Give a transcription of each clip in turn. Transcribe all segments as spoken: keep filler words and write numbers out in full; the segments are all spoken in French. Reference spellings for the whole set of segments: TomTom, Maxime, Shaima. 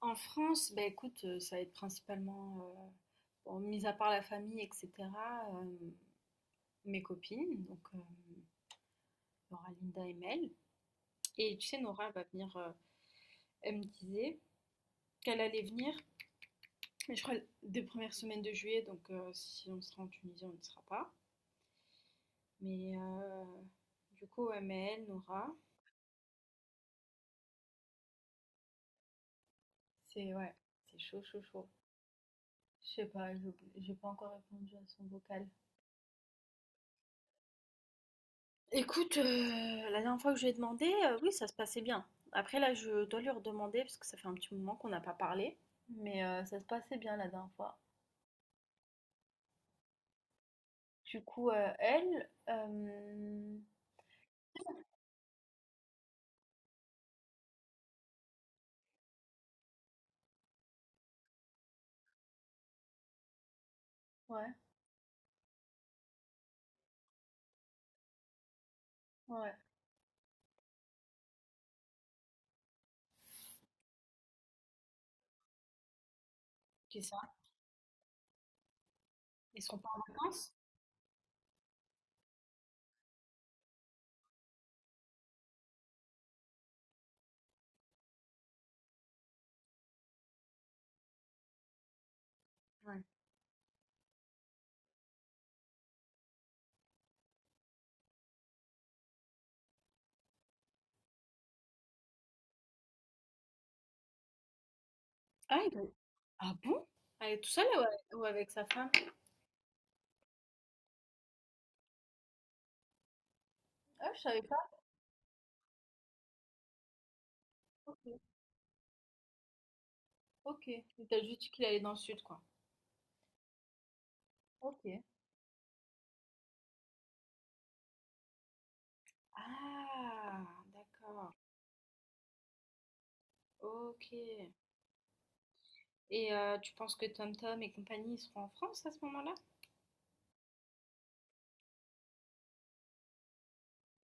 En France, bah écoute, heu, ça va être principalement, heu, bon, mis à part la famille et cetera, hem, mes copines, donc hem, Laura, Linda et Mel. Et tu sais, Nora va venir, heu, elle me disait qu'elle allait venir, mais je crois des premières semaines de juillet, donc heu, si on sera en Tunisie, on ne sera pas. Mais heu, du coup, ouais, Mel, Nora, c'est ouais, c'est chaud, chaud, chaud. Je sais pas, j'ai j'ai pas encore répondu à son vocal. Écoute, heu, la dernière fois que je lui ai demandé, heu, oui, ça se passait bien. Après là, je dois lui redemander parce que ça fait un petit moment qu'on n'a pas parlé, mais heu, ça se passait bien la dernière fois. Du coup, heu, elle, hem, ouais, ouais, c'est ça. Ils sont pas en vacances? Ouais. Ah, ils doivent ah bon? Elle est toute seule ou a ou avec sa femme? Ah, je savais pas. OK, OK. Il t'a juste dit qu'il allait dans le sud, quoi. OK. Ah, d'accord. OK. Et heu, tu penses que TomTom et compagnie, ils seront en France à ce moment-là?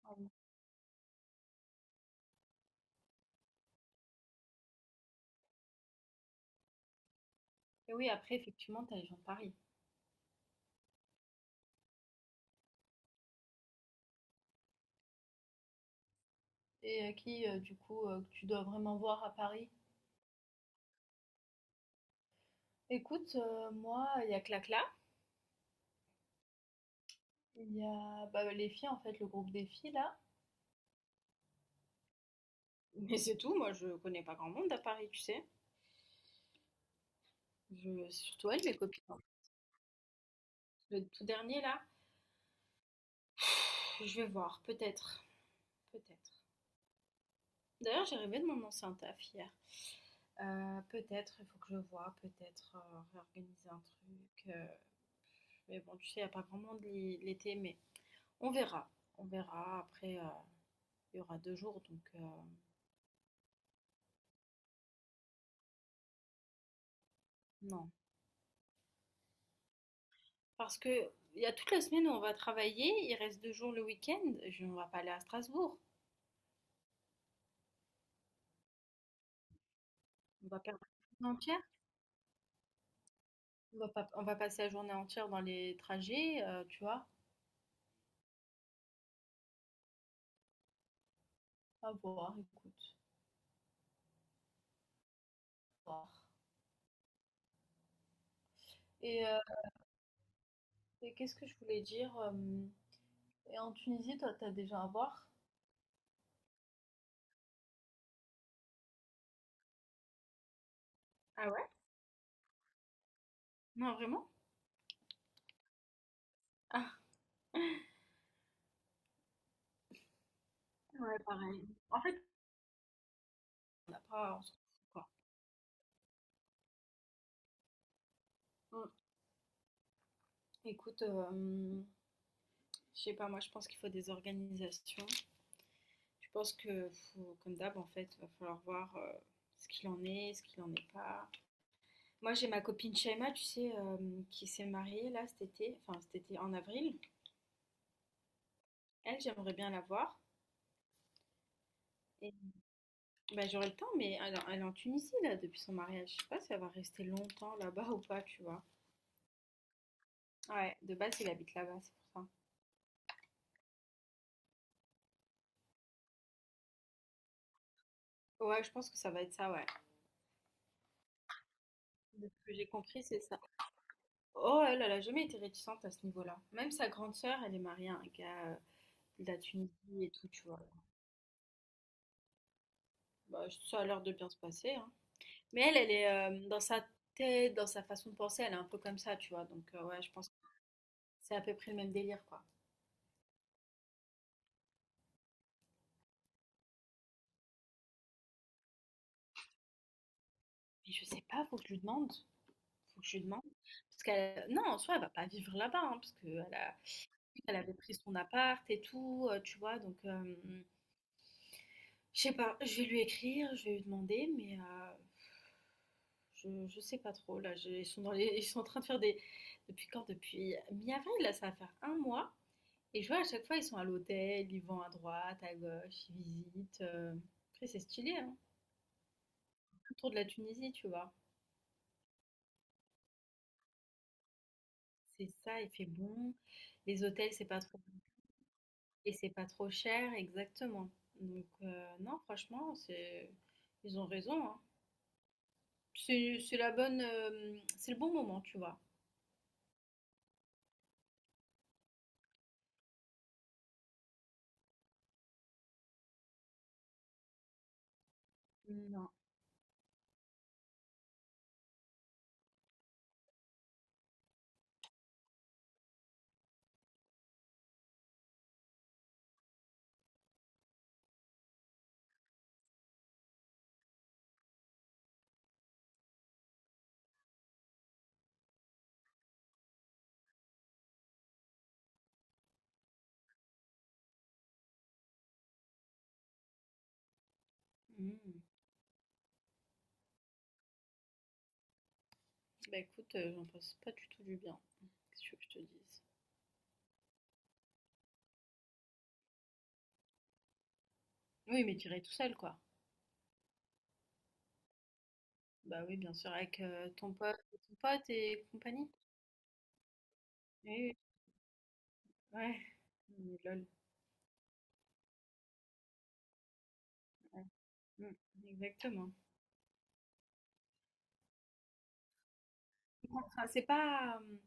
Ah oui. Et oui, après effectivement, tu as les gens de Paris et heu, qui, heu, du coup, heu, que tu dois vraiment voir à Paris. Écoute, heu, moi, il y a Clacla, il y a, bah, les filles en fait, le groupe des filles là. Mais c'est tout, moi je connais pas grand monde à Paris, tu sais? Je surtout elle mes copines. Le tout dernier là? Je vais voir, peut-être, peut-être. D'ailleurs, j'ai rêvé de mon ancien taf hier. Heu, peut-être, il faut que je voie, peut-être, heu, réorganiser un truc, heu mais bon, tu sais, il n'y a pas grand monde l'hi- l'été, mais on verra. On verra. Après, euh, il y aura deux jours, donc euh, non. Parce que il y a toute la semaine où on va travailler, il reste deux jours le week-end, je- on va pas aller à Strasbourg. On va perdre la journée entière. On va pas- On va passer la journée entière dans les trajets, euh, tu vois. À voir, écoute. À voir. Et, euh, et qu'est-ce que je voulais dire euh, et en Tunisie, toi, t'as déjà à voir. Ah ouais? Non, vraiment? Ah, ouais, pareil. En fait, on n'a pas, on s'en fout, quoi. Mm. Écoute, euh, je sais pas, moi je pense qu'il faut des organisations. Je pense que, faut- comme d'hab, en fait, va falloir voir euh, ce qu'il en est, ce qu'il en est pas. Moi j'ai ma copine Shaima, tu sais, euh, qui s'est mariée là cet été, enfin cet été en avril. Elle, j'aimerais bien la voir. Et bah, j'aurai le temps, mais elle, elle est en Tunisie là depuis son mariage. Je sais pas si elle va rester longtemps là-bas ou pas, tu vois. Ouais, de base, il habite là-bas, c'est pour ça. Ouais, je pense que ça va être ça, ouais. De ce que j'ai compris, c'est ça. Oh, elle, elle a jamais été réticente à ce niveau-là. Même sa grande sœur, elle est mariée à un gars euh, de la Tunisie et tout, tu vois. Bah, ça a l'air de bien se passer, hein. Mais elle, elle est euh, dans sa tête, dans sa façon de penser, elle est un peu comme ça, tu vois. Donc, euh, ouais, je pense que c'est à peu près le même délire, quoi. Mais je sais pas, faut que je lui demande. Faut que je lui demande. Parce qu'elle, non, en soi, elle va pas vivre là-bas, hein, parce qu'elle a... elle avait pris son appart et tout, euh, tu vois. Donc, euh, je sais pas, je vais lui écrire, je vais lui demander, mais euh, je, je sais pas trop. Là, je- ils sont dans les- ils sont en train de faire des. Depuis quand? Depuis mi-avril, là, ça va faire un mois. Et je vois à chaque fois, ils sont à l'hôtel, ils vont à droite, à gauche, ils visitent. euh. Après, c'est stylé, hein. Autour de la Tunisie, tu vois. C'est ça, il fait bon. Les hôtels, c'est pas trop. Et c'est pas trop cher, exactement. Donc, euh, non, franchement, c'est. Ils ont raison, hein. C'est c'est la bonne. euh, C'est le bon moment, tu vois. Non. Mmh. Bah écoute, euh, j'en pense pas du tout du bien. Qu'est-ce que tu veux que je te dise? Oui, mais tu irais tout seul, quoi. Bah oui, bien sûr, avec euh, ton pote, ton pote et compagnie. Oui, oui, ouais. Mais lol. Ouais. Mmh, exactement. Enfin, c'est pas. euh,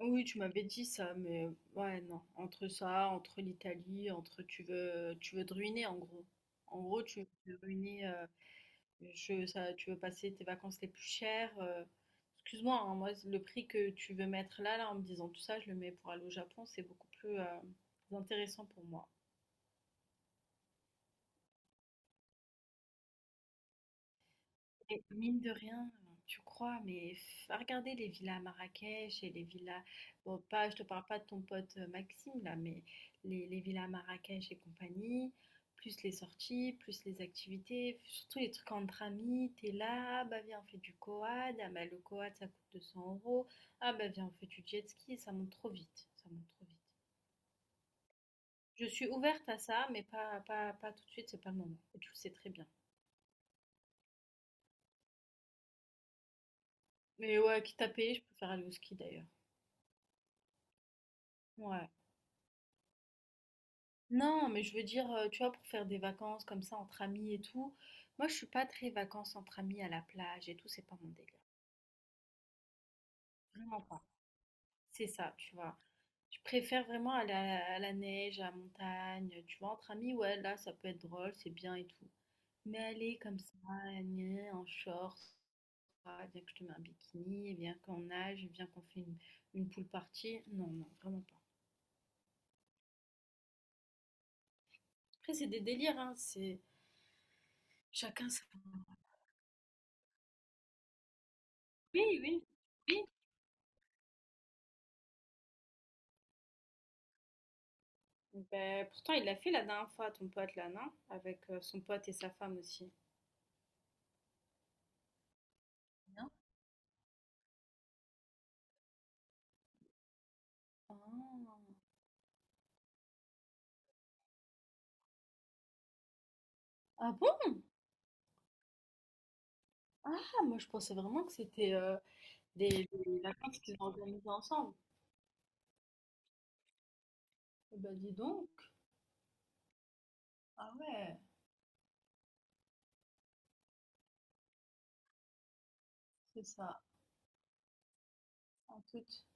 Oui, tu m'avais dit ça, mais ouais, non. Entre ça, entre l'Italie, entre tu veux, tu veux te ruiner, en gros. En gros, tu veux te ruiner. euh, Je ça tu veux passer tes vacances les plus chères, heu, excuse-moi, hein, moi le prix que tu veux mettre là, là, en me disant tout ça, je le mets pour aller au Japon, c'est beaucoup plus, heu, intéressant pour moi. Et mine de rien, tu crois, mais f à les villas à Marrakech et les villas bon pas je te parle pas de ton pote, heu, Maxime là, mais les les villas à Marrakech et compagnie, plus les sorties, plus les activités, surtout les trucs entre amis, t'es là: «Ah bah viens, on fait du quad, ah bah le quad ça coûte deux cents euros, ah bah viens, on fait du jet ski», ça monte trop vite, ça monte trop vite. Je suis ouverte à ça, mais pas pas pas tout de suite, c'est pas le moment et tu le sais très bien. Mais ouais, quitte à payer, je préfère aller au ski d'ailleurs. Ouais. Non, mais je veux dire, euh, tu vois, pour faire des vacances comme ça entre amis et tout. Moi, je suis pas très vacances entre amis à la plage et tout, c'est pas mon délire. Vraiment pas. C'est ça, tu vois. Je préfère vraiment aller à la, à la neige, à la montagne, tu vois, entre amis, ouais, là, ça peut être drôle, c'est bien et tout. Mais aller comme ça, gna, en short, ah, viens que je te mets un bikini, viens qu'on nage, viens qu'on fait une, une pool party. Non, non, vraiment pas. Après, c'est des délires, hein, c'est chacun sa... Oui, oui. Ben, pourtant, il l'a fait la dernière fois, ton pote là, non? Avec euh, son pote et sa femme aussi. Non. Ah, ah bon? Ah, moi je pensais vraiment que c'était euh, des, des vacances qu'ils ont organisées ensemble. Eh ben dis donc. Ah ouais, c'est ça, en toute.